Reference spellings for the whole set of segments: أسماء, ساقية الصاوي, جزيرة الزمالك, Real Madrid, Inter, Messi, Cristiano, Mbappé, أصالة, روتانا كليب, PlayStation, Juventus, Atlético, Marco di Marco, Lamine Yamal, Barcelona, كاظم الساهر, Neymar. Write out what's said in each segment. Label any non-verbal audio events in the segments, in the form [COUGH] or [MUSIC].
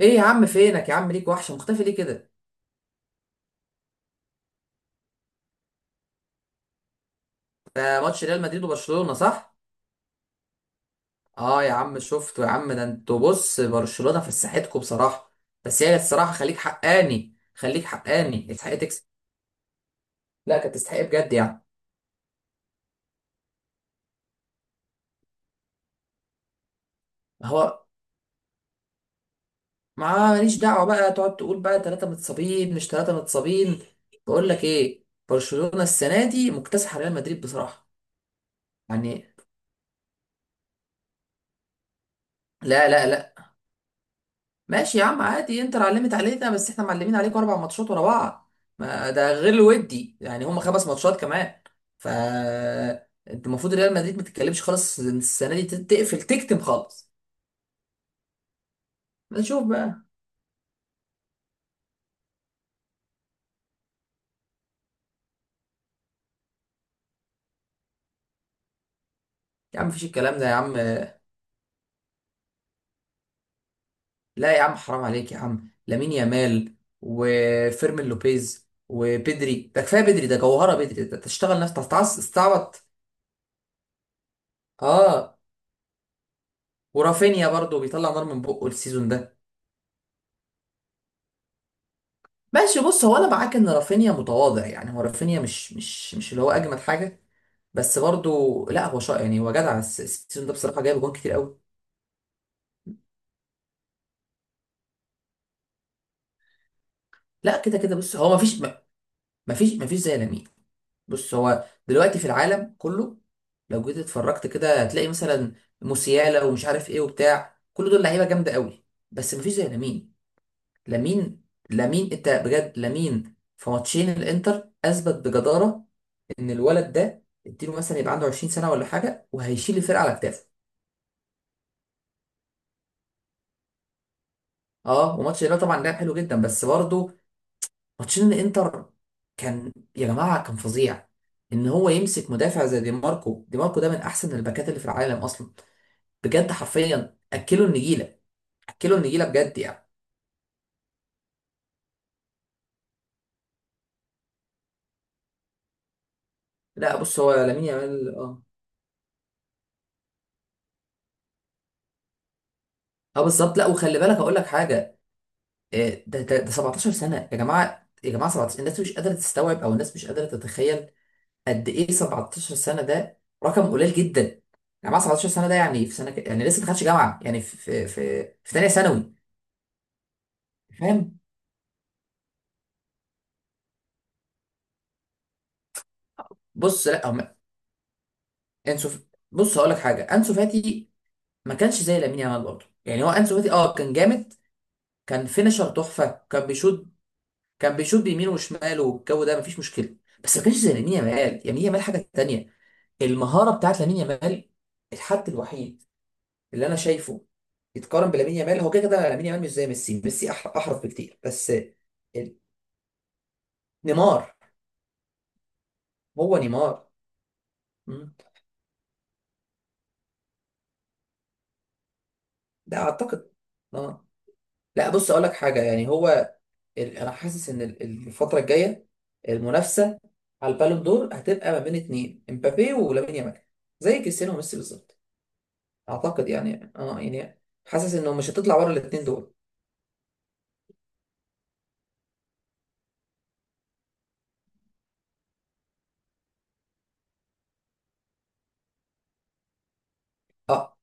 ايه يا عم؟ فينك يا عم؟ ليك وحشه، مختفي ليه كده؟ ده ماتش ريال مدريد وبرشلونه، صح؟ اه يا عم شفته يا عم، ده انتوا، بص، برشلونه فسحتكم بصراحه. بس هي الصراحه، خليك حقاني خليك حقاني، تستحق تكسب. لا، كانت تستحق بجد يعني. ما هو. ما ماليش دعوه بقى تقعد تقول بقى 3 متصابين مش 3 متصابين. بقول لك ايه، برشلونه السنه دي مكتسحه ريال مدريد بصراحه. يعني. لا لا لا. ماشي يا عم، عادي، انتر علمت علينا بس احنا معلمين عليكم 4 ماتشات ورا بعض. ما ده غير الودي، يعني هم 5 ماتشات كمان. ف انت المفروض ريال مدريد ما تتكلمش خالص السنه دي، تقفل تكتم خالص. نشوف بقى. يا عم مفيش الكلام ده يا عم. لا يا عم، حرام عليك يا عم، لامين يامال وفيرمين لوبيز وبدري، ده كفايه، بدري ده جوهره، بدري ده تشتغل نفسك. تستعبط. اه. ورافينيا برضو بيطلع نار من بقه السيزون ده. ماشي، بص، هو انا معاك ان رافينيا متواضع، يعني هو رافينيا مش اللي هو اجمد حاجه. بس برضو، لا هو شاطر، يعني هو جدع، السيزون ده بصراحه جايب جون كتير قوي. لا كده كده، بص، هو مفيش زي لامين. بص هو دلوقتي في العالم كله، لو جيت اتفرجت كده هتلاقي مثلا موسيالا ومش عارف ايه وبتاع، كل دول لعيبه جامده قوي، بس مفيش زي لامين. لامين. لامين انت بجد، لامين في ماتشين الانتر اثبت بجداره ان الولد ده، اديله مثلا يبقى عنده 20 سنه ولا حاجه، وهيشيل الفرقه على كتافه. اه، وماتش الهلال طبعا لعب حلو جدا، بس برضه ماتشين الانتر كان يا جماعه كان فظيع، ان هو يمسك مدافع زي دي ماركو، دي ماركو ده من احسن الباكات اللي في العالم اصلا، بجد حرفيا اكلوا النجيله، اكلوا النجيله بجد يعني. لا، بص، هو لامين يامال، اه. اه بالظبط، لا وخلي بالك اقول لك حاجه، ده 17 سنه يا جماعه، يا جماعه 17، الناس مش قادره تستوعب، او الناس مش قادره تتخيل قد ايه 17 سنه، ده رقم قليل جدا. انا مع 17 سنه ده، يعني في سنه يعني لسه ما دخلتش جامعه، يعني في ثانيه ثانوي. فاهم. بص لا هم، انسو ف- بص هقول لك حاجه، انسو فاتي ما كانش زي لامين يامال برضه، يعني هو انسو فاتي اه كان جامد، كان فينشر تحفه، كان بيشوط، كان بيشوط بيمينه وشماله والجو ده مفيش مشكله، بس ما كانش زي لامين يامال. لامين يامال حاجه تانيه. المهاره بتاعت لامين يامال، الحد الوحيد اللي انا شايفه يتقارن بلامين يامال هو، كده كده لامين يامال مش زي ميسي، ميسي احرف بكتير بس. ال- نيمار. هو نيمار. مم. ده اعتقد. اه، لا بص اقول لك حاجه، يعني هو، انا حاسس ان الفتره الجايه، المنافسه على البالون دور هتبقى ما بين اتنين، امبابي ولامين يامال، زي كريستيانو وميسي بالظبط. اعتقد يعني اه يعني، حاسس انه مش هتطلع بره الاتنين دول. اه،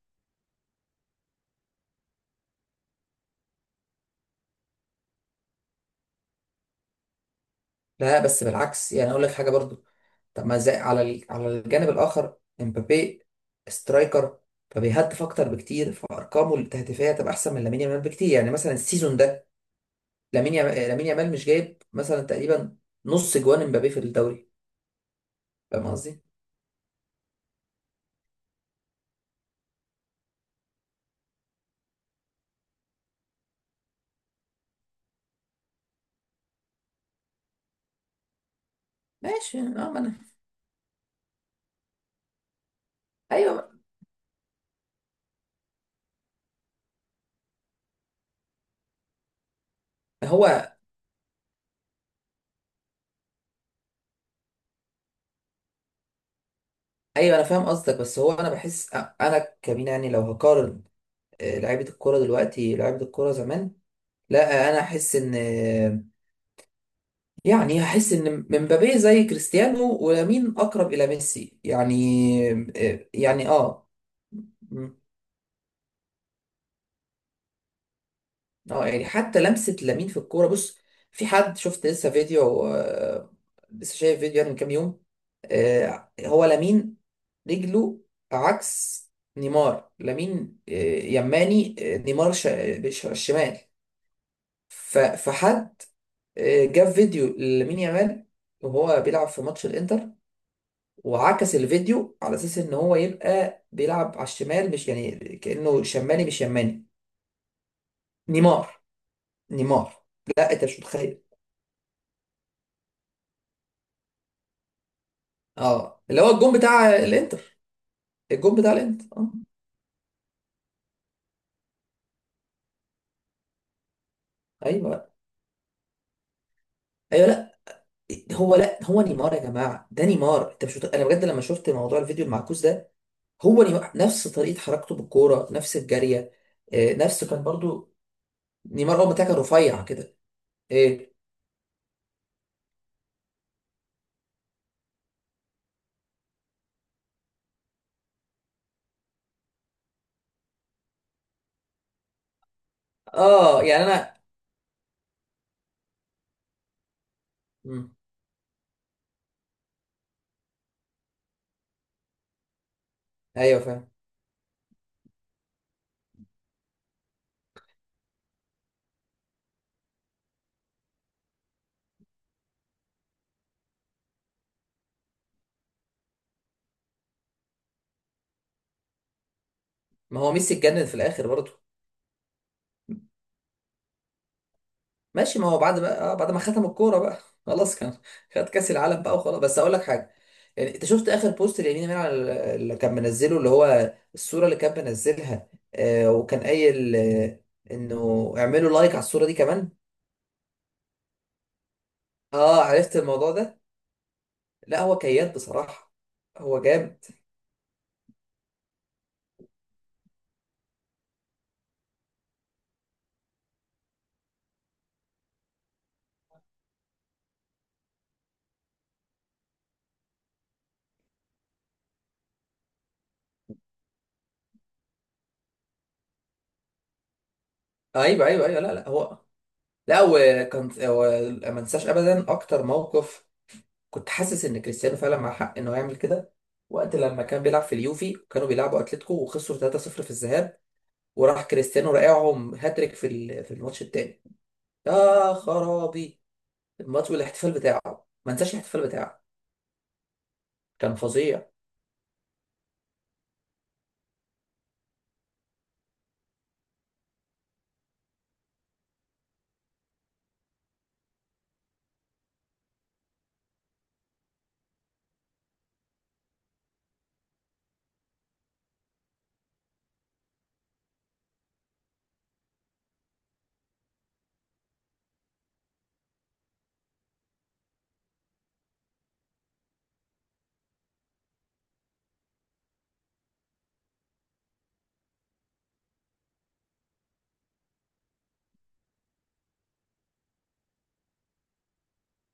لا بس بالعكس، يعني اقول لك حاجه برضو. طب ما زي، على الجانب الاخر، امبابي سترايكر فبيهدف اكتر بكتير، فارقامه التهديفيه هتبقى احسن من لامين يامال بكتير، يعني مثلا السيزون ده لامين يا- لامين يامال مش جايب مثلا تقريبا نص جوان امبابي في الدوري. فاهم قصدي. ماشي اه. ما انا. ايوه. هو. ايوه انا فاهم قصدك، بس هو انا بحس انا كمين يعني، لو هقارن لعيبه الكوره دلوقتي، لعيبه الكوره زمان، لا انا احس ان، يعني هحس ان مبابي زي كريستيانو ولامين اقرب الى ميسي يعني. آه، يعني اه مم. اه، يعني حتى لمسه لامين في الكوره، بص، في حد، شفت لسه فيديو، لسه شايف فيديو يعني من كام يوم. هو لامين رجله عكس نيمار. لامين يماني، نيمار الشمال. فحد جاب فيديو لامين يامال وهو بيلعب في ماتش الانتر، وعكس الفيديو على اساس ان هو يبقى بيلعب على الشمال، مش يعني، كانه شمالي مش يماني. نيمار. نيمار. لا انت مش متخيل. اه، اللي هو الجون بتاع الانتر. الجون بتاع الانتر، اه. ايوه بقى. ايوه، لا هو، لا هو نيمار يا جماعه، ده نيمار، انت مش انا بجد لما شفت موضوع الفيديو المعكوس ده، هو نيمار نفس طريقه حركته بالكوره، نفس الجاريه، آه، نفس كان برضو نيمار اول ما كان رفيع كده. ايه. اه يعني انا. مم. ايوه فاهم. ما هو ميسي اتجنن في الاخر برضه. ماشي، ما هو بعد بقى، بعد ما ختم الكوره بقى [LAUGHS] خلاص، كان خد كاس العالم بقى وخلاص. بس اقول لك حاجه، يعني انت شفت اخر بوست لامين يامال على اللي كان منزله، اللي هو الصوره اللي كان منزلها، آه وكان قايل آه انه اعملوا لايك على الصوره دي كمان. اه عرفت الموضوع ده. لا هو كياد بصراحه. هو جامد. ايوه ايوه ايوه، لا لا هو، لا وكان هو، ما انساش ابدا اكتر موقف، كنت حاسس ان كريستيانو فعلا مع حق انه يعمل كده، وقت لما كان بيلعب في اليوفي وكانوا بيلعبوا اتلتيكو وخسروا 3-0 في الذهاب، وراح كريستيانو راقعهم هاتريك، في الماتش التاني. يا خرابي الماتش والاحتفال بتاعه، ما انساش الاحتفال بتاعه، كان فظيع.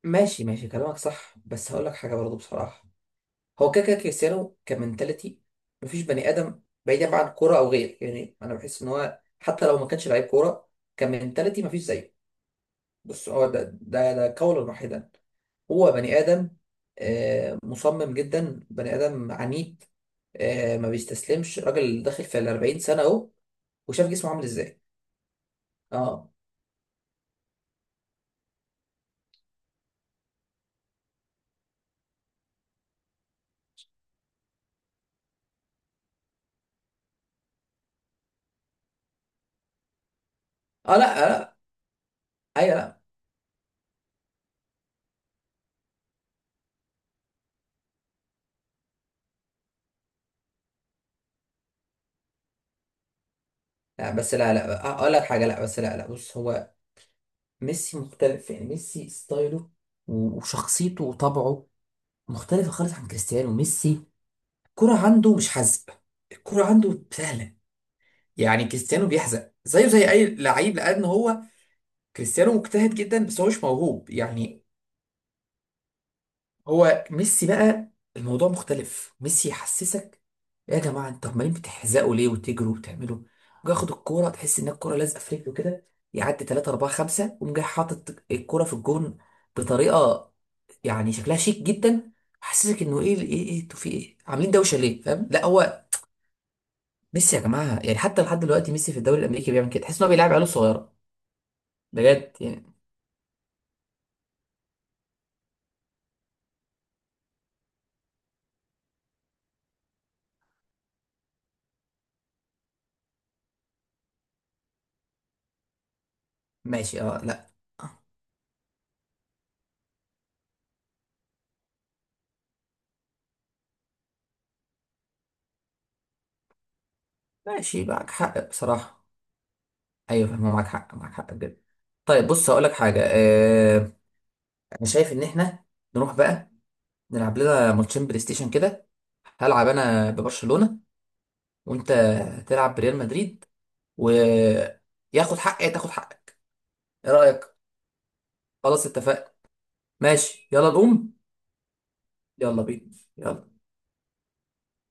ماشي، ماشي كلامك صح، بس هقول لك حاجه برضه بصراحه، هو كده كده كريستيانو كمنتاليتي مفيش بني ادم، بعيدا بقى عن كوره او غير، يعني انا بحس ان هو حتى لو ما كانش لعيب كوره، كمنتاليتي مفيش زيه. بص هو ده قولا واحدا، هو بني آدم، مصمم جدا، بني آدم عنيد، ما بيستسلمش، راجل داخل في ال 40 سنة أهو، وشاف جسمه عامل إزاي. اه. اه لا، لا. ايوه لا لا، بس لا لا، اقول لك حاجه، لا بس لا لا، بص هو ميسي مختلف يعني، ميسي ستايله وشخصيته وطبعه مختلفه خالص عن كريستيانو. ميسي الكرة عنده مش حزق، الكرة عنده سهله، يعني كريستيانو بيحزق زيه زي اي لعيب، لان هو كريستيانو مجتهد جدا بس هو مش موهوب يعني. هو ميسي بقى الموضوع مختلف، ميسي يحسسك، يا جماعه انتوا عمالين بتحزقوا ليه، وتجروا وبتعملوا، جاي ياخد الكوره تحس ان الكوره لازقه في رجله كده، يعدي 3 4 5 وقوم جاي حاطط الكوره في الجون، بطريقه يعني شكلها شيك جدا، حسسك انه ايه ايه ايه انتوا في ايه عاملين دوشه ليه، فاهم، لا هو ميسي يا جماعه، يعني حتى لحد دلوقتي ميسي في الدوري الامريكي بيعمل كده، تحس ان هو بيلعب عيال صغيره. بجد يعني. ماشي، اه لا، ماشي معك حق بصراحة. أيوة فاهمة، معك حق معك حق بجد. طيب بص هقول لك حاجة، أنا شايف إن إحنا نروح بقى نلعب لنا ماتشين بلاي ستيشن كده، هلعب أنا ببرشلونة وأنت تلعب بريال مدريد، وياخد حقي تاخد حقي. إيه رأيك؟ خلاص اتفقنا. ماشي يلا نقوم. يلا بينا. يلا.